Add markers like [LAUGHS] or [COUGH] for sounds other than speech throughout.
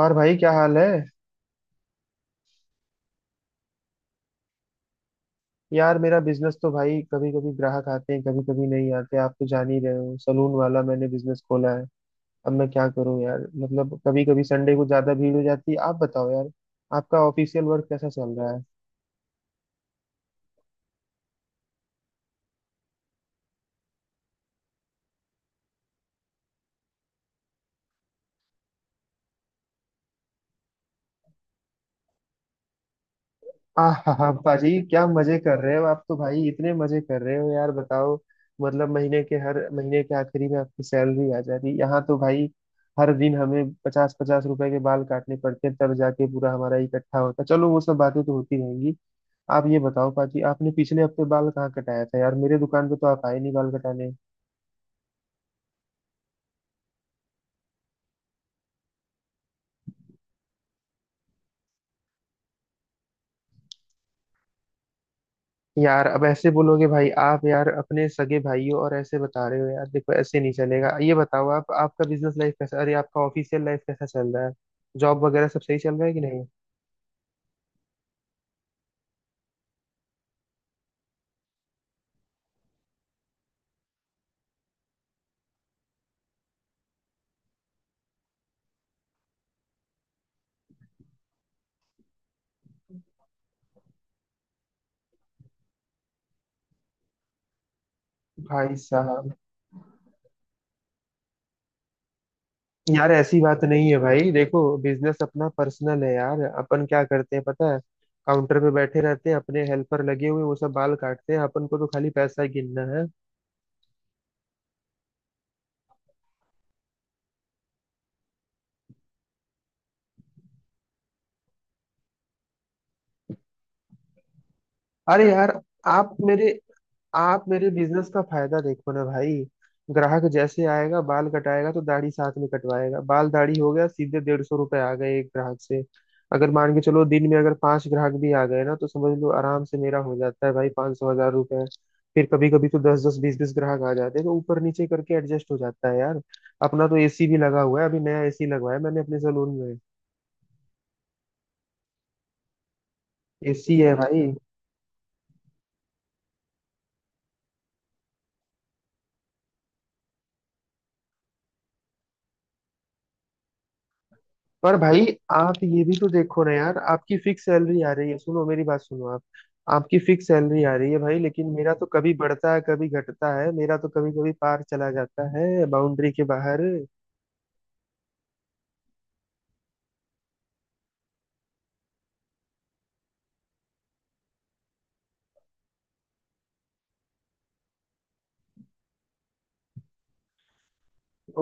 और भाई क्या हाल है। यार मेरा बिजनेस तो भाई, कभी कभी ग्राहक आते हैं, कभी कभी नहीं आते। आप तो जान ही रहे हो, सलून वाला मैंने बिजनेस खोला है। अब मैं क्या करूं यार, मतलब कभी कभी संडे को ज्यादा भीड़ हो जाती है। आप बताओ यार, आपका ऑफिशियल वर्क कैसा चल रहा है। आह हा हा, पाजी क्या मजे कर रहे हो, आप तो भाई इतने मजे कर रहे हो यार, बताओ। मतलब महीने के, हर महीने के आखिरी में आपकी सैलरी आ जाती है, यहाँ तो भाई हर दिन हमें 50-50 रुपए के बाल काटने पड़ते हैं, तब जाके पूरा हमारा इकट्ठा होता है। चलो वो सब बातें तो होती रहेंगी। आप ये बताओ पाजी, आपने पिछले हफ्ते बाल कहाँ कटाया था यार, मेरे दुकान पे तो आप आए नहीं बाल कटाने। यार अब ऐसे बोलोगे भाई आप, यार अपने सगे भाई हो और ऐसे बता रहे हो यार, देखो ऐसे नहीं चलेगा। ये बताओ आप, आपका बिजनेस लाइफ कैसा, अरे आपका ऑफिशियल लाइफ कैसा चल रहा है, जॉब वगैरह सब सही चल रहा है कि नहीं। भाई साहब, यार ऐसी बात नहीं है भाई, देखो बिजनेस अपना पर्सनल है यार। अपन क्या करते हैं पता है, काउंटर पे बैठे रहते हैं, अपने हेल्पर लगे हुए वो सब बाल काटते हैं, अपन को तो खाली पैसा गिनना है। अरे यार, आप मेरे आप मेरे बिजनेस का फायदा देखो ना भाई। ग्राहक जैसे आएगा बाल कटाएगा तो दाढ़ी साथ में कटवाएगा, बाल दाढ़ी हो गया, सीधे 150 रुपए आ गए एक ग्राहक से। अगर मान के चलो दिन में अगर पांच ग्राहक भी आ गए ना, तो समझ लो आराम से मेरा हो जाता है भाई 500-1000 रुपए। फिर कभी कभी तो दस दस बीस बीस ग्राहक आ जाते हैं तो ऊपर नीचे करके एडजस्ट हो जाता है यार। अपना तो एसी भी लगा हुआ है, अभी नया एसी लगवाया मैंने अपने सैलून में। एसी है भाई। पर भाई आप ये भी तो देखो ना यार, आपकी फिक्स सैलरी आ रही है। सुनो मेरी बात सुनो आप, आपकी फिक्स सैलरी आ रही है भाई, लेकिन मेरा तो कभी बढ़ता है कभी घटता है, मेरा तो कभी कभी पार चला जाता है बाउंड्री के बाहर।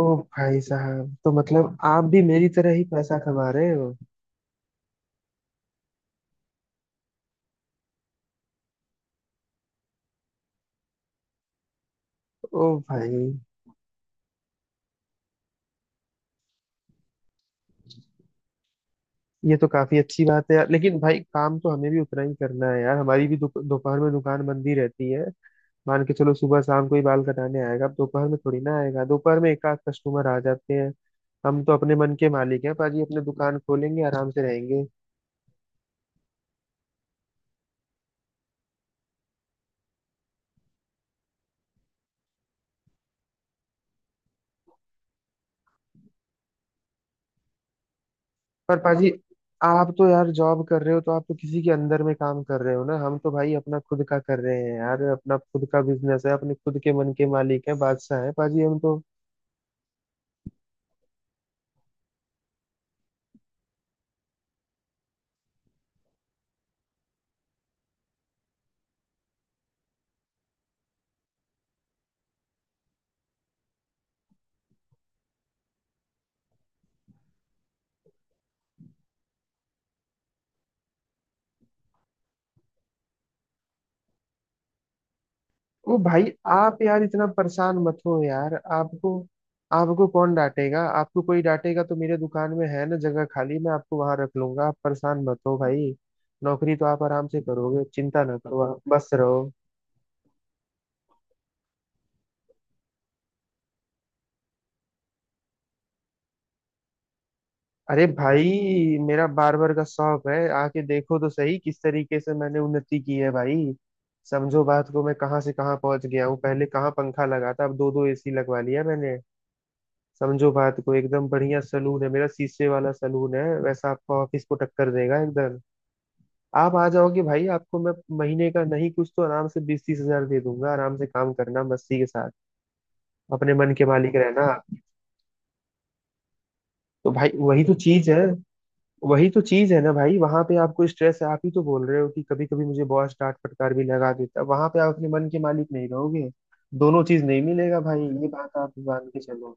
ओ भाई साहब, तो मतलब आप भी मेरी तरह ही पैसा कमा रहे हो। ओ भाई, ये तो काफी अच्छी बात है यार, लेकिन भाई काम तो हमें भी उतना ही करना है यार, हमारी भी दोपहर में दुकान बंद ही रहती है। मान के चलो सुबह शाम कोई बाल कटाने आएगा, अब दोपहर में थोड़ी ना आएगा, दोपहर में एक आध कस्टमर आ जाते हैं। हम तो अपने मन के मालिक हैं पाजी, अपने दुकान खोलेंगे आराम से रहेंगे। पर पाजी, आप तो यार जॉब कर रहे हो, तो आप तो किसी के अंदर में काम कर रहे हो ना, हम तो भाई अपना खुद का कर रहे हैं यार, अपना खुद का बिजनेस है, अपने खुद के मन के मालिक हैं, बादशाह हैं पाजी हम तो। वो भाई, आप यार इतना परेशान मत हो यार, आपको आपको कौन डांटेगा, आपको कोई डांटेगा तो मेरे दुकान में है ना जगह खाली, मैं आपको वहां रख लूंगा, आप परेशान मत हो भाई, नौकरी तो आप आराम से करोगे, चिंता ना करो आप, बस रहो। अरे भाई, मेरा बार्बर का शौक है, आके देखो तो सही किस तरीके से मैंने उन्नति की है भाई। समझो बात को, मैं कहाँ से कहाँ पहुंच गया हूँ, पहले कहाँ पंखा लगा था, अब दो दो एसी लगवा लिया मैंने। समझो बात को, एकदम बढ़िया सलून है मेरा, शीशे वाला सलून है, वैसा आपका ऑफिस को टक्कर देगा एकदम। आप आ जाओगे भाई, आपको मैं महीने का नहीं कुछ तो आराम से 20-30 हज़ार दे दूंगा, आराम से काम करना मस्ती के साथ, अपने मन के मालिक रहना। तो भाई वही तो चीज है, वही तो चीज है ना भाई, वहां पे आपको स्ट्रेस है, आप ही तो बोल रहे हो कि कभी कभी मुझे बॉस डांट फटकार भी लगा देता, वहां पे आप अपने मन के मालिक नहीं रहोगे। दोनों चीज नहीं मिलेगा भाई, ये बात आप मान के चलो।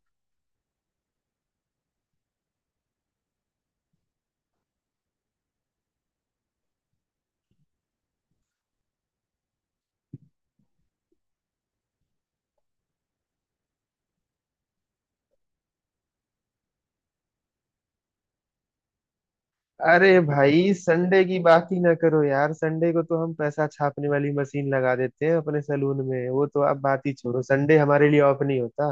अरे भाई संडे की बात ही ना करो यार, संडे को तो हम पैसा छापने वाली मशीन लगा देते हैं अपने सलून में, वो तो आप बात ही छोड़ो, संडे हमारे लिए ऑफ नहीं होता।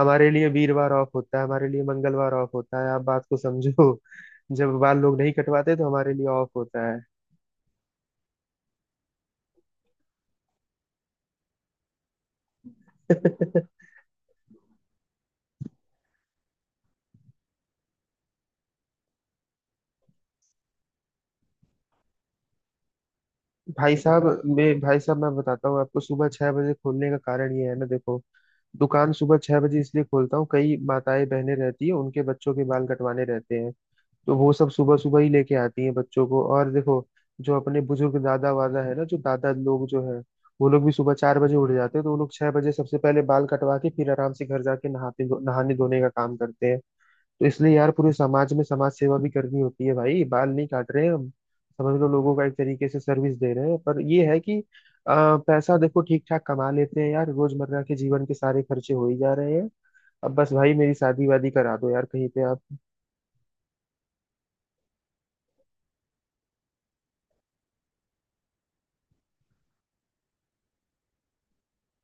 हमारे लिए वीरवार ऑफ होता है, हमारे लिए मंगलवार ऑफ होता है, आप बात को समझो, जब बाल लोग नहीं कटवाते तो हमारे लिए ऑफ होता है। [LAUGHS] भाई साहब, मैं भाई साहब मैं बताता हूँ आपको, सुबह 6 बजे खोलने का कारण ये है ना, देखो दुकान सुबह 6 बजे इसलिए खोलता हूँ, कई माताएं बहनें रहती है उनके बच्चों के बाल कटवाने रहते हैं, तो वो सब सुबह सुबह ही लेके आती हैं बच्चों को। और देखो, जो अपने बुजुर्ग दादा वादा है ना, जो दादा लोग जो है, वो लोग भी सुबह 4 बजे उठ जाते हैं, तो वो लोग 6 बजे सबसे पहले बाल कटवा के फिर आराम से घर जाके नहाते, नहाने धोने का काम करते हैं। तो इसलिए यार पूरे समाज में समाज सेवा भी करनी होती है भाई, बाल नहीं काट रहे हैं हम, समझ लो लोगों का एक तरीके से सर्विस दे रहे हैं। पर ये है कि पैसा देखो ठीक ठाक कमा लेते हैं यार, रोजमर्रा के जीवन के सारे खर्चे हो ही जा रहे हैं। अब बस भाई मेरी शादी वादी करा दो यार कहीं पे आप।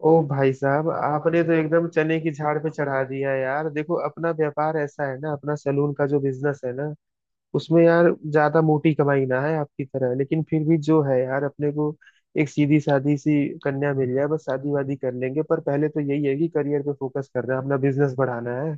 ओ भाई साहब, आपने तो एकदम चने की झाड़ पे चढ़ा दिया यार। देखो अपना व्यापार ऐसा है ना, अपना सैलून का जो बिजनेस है ना, उसमें यार ज्यादा मोटी कमाई ना है आपकी तरह, लेकिन फिर भी जो है यार, अपने को एक सीधी सादी सी कन्या मिल जाए बस, शादी वादी कर लेंगे। पर पहले तो यही है कि करियर पे फोकस करना है, अपना बिजनेस बढ़ाना है।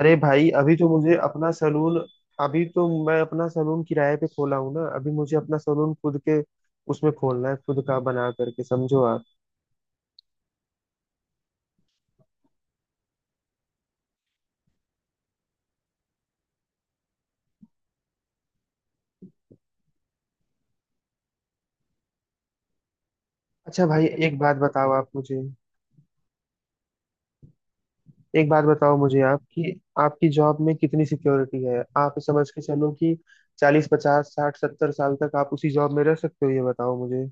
अरे भाई, अभी तो मुझे अपना सलून, अभी तो मैं अपना सलून किराए पे खोला हूँ ना, अभी मुझे अपना सलून खुद के उसमें खोलना है, खुद का बना करके समझो आप। अच्छा भाई एक बात बताओ मुझे आप कि आपकी जॉब में कितनी सिक्योरिटी है। आप समझ के चलो कि 40-50-60-70 साल तक आप उसी जॉब में रह सकते हो, ये बताओ मुझे।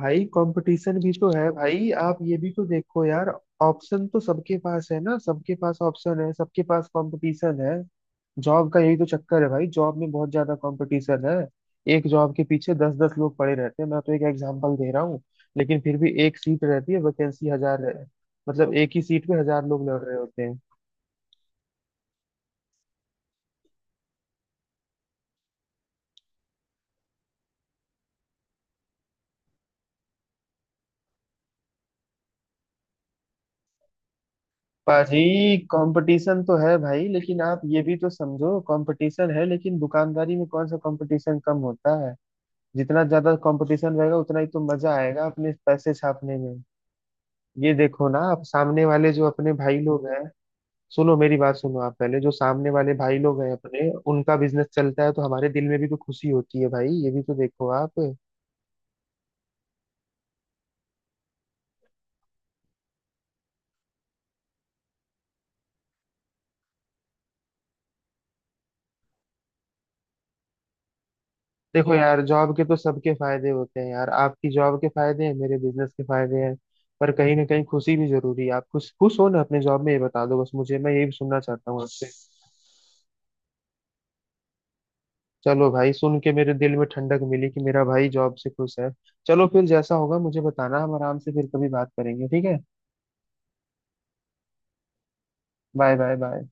भाई कंपटीशन भी तो है भाई, आप ये भी तो देखो यार। ऑप्शन तो सबके पास है ना, सबके पास ऑप्शन है, सबके पास कंपटीशन है। जॉब का यही तो चक्कर है भाई, जॉब में बहुत ज्यादा कंपटीशन है, एक जॉब के पीछे दस दस लोग पड़े रहते हैं, मैं तो एक एग्जांपल दे रहा हूँ। लेकिन फिर भी एक सीट रहती है, वैकेंसी 1,000 मतलब एक ही सीट पे 1,000 लोग लड़ रहे होते हैं। भाई कंपटीशन तो है भाई, लेकिन आप ये भी तो समझो, कंपटीशन है लेकिन दुकानदारी में कौन सा कंपटीशन कम होता है। जितना ज्यादा कंपटीशन रहेगा उतना ही तो मजा आएगा अपने पैसे छापने में। ये देखो ना आप, सामने वाले जो अपने भाई लोग हैं, सुनो मेरी बात सुनो आप, पहले जो सामने वाले भाई लोग हैं अपने, उनका बिजनेस चलता है तो हमारे दिल में भी तो खुशी होती है भाई, ये भी तो देखो आप। देखो यार जॉब के तो सबके फायदे होते हैं यार, आपकी जॉब के फायदे हैं, मेरे बिजनेस के फायदे हैं। पर कहीं ना कहीं खुशी भी जरूरी है, आप खुश खुश हो ना अपने जॉब में, ये बता दो बस मुझे, मैं यही सुनना चाहता हूँ आपसे। चलो भाई, सुन के मेरे दिल में ठंडक मिली कि मेरा भाई जॉब से खुश है। चलो फिर जैसा होगा मुझे बताना, हम आराम से फिर कभी बात करेंगे ठीक है। Bye bye bye.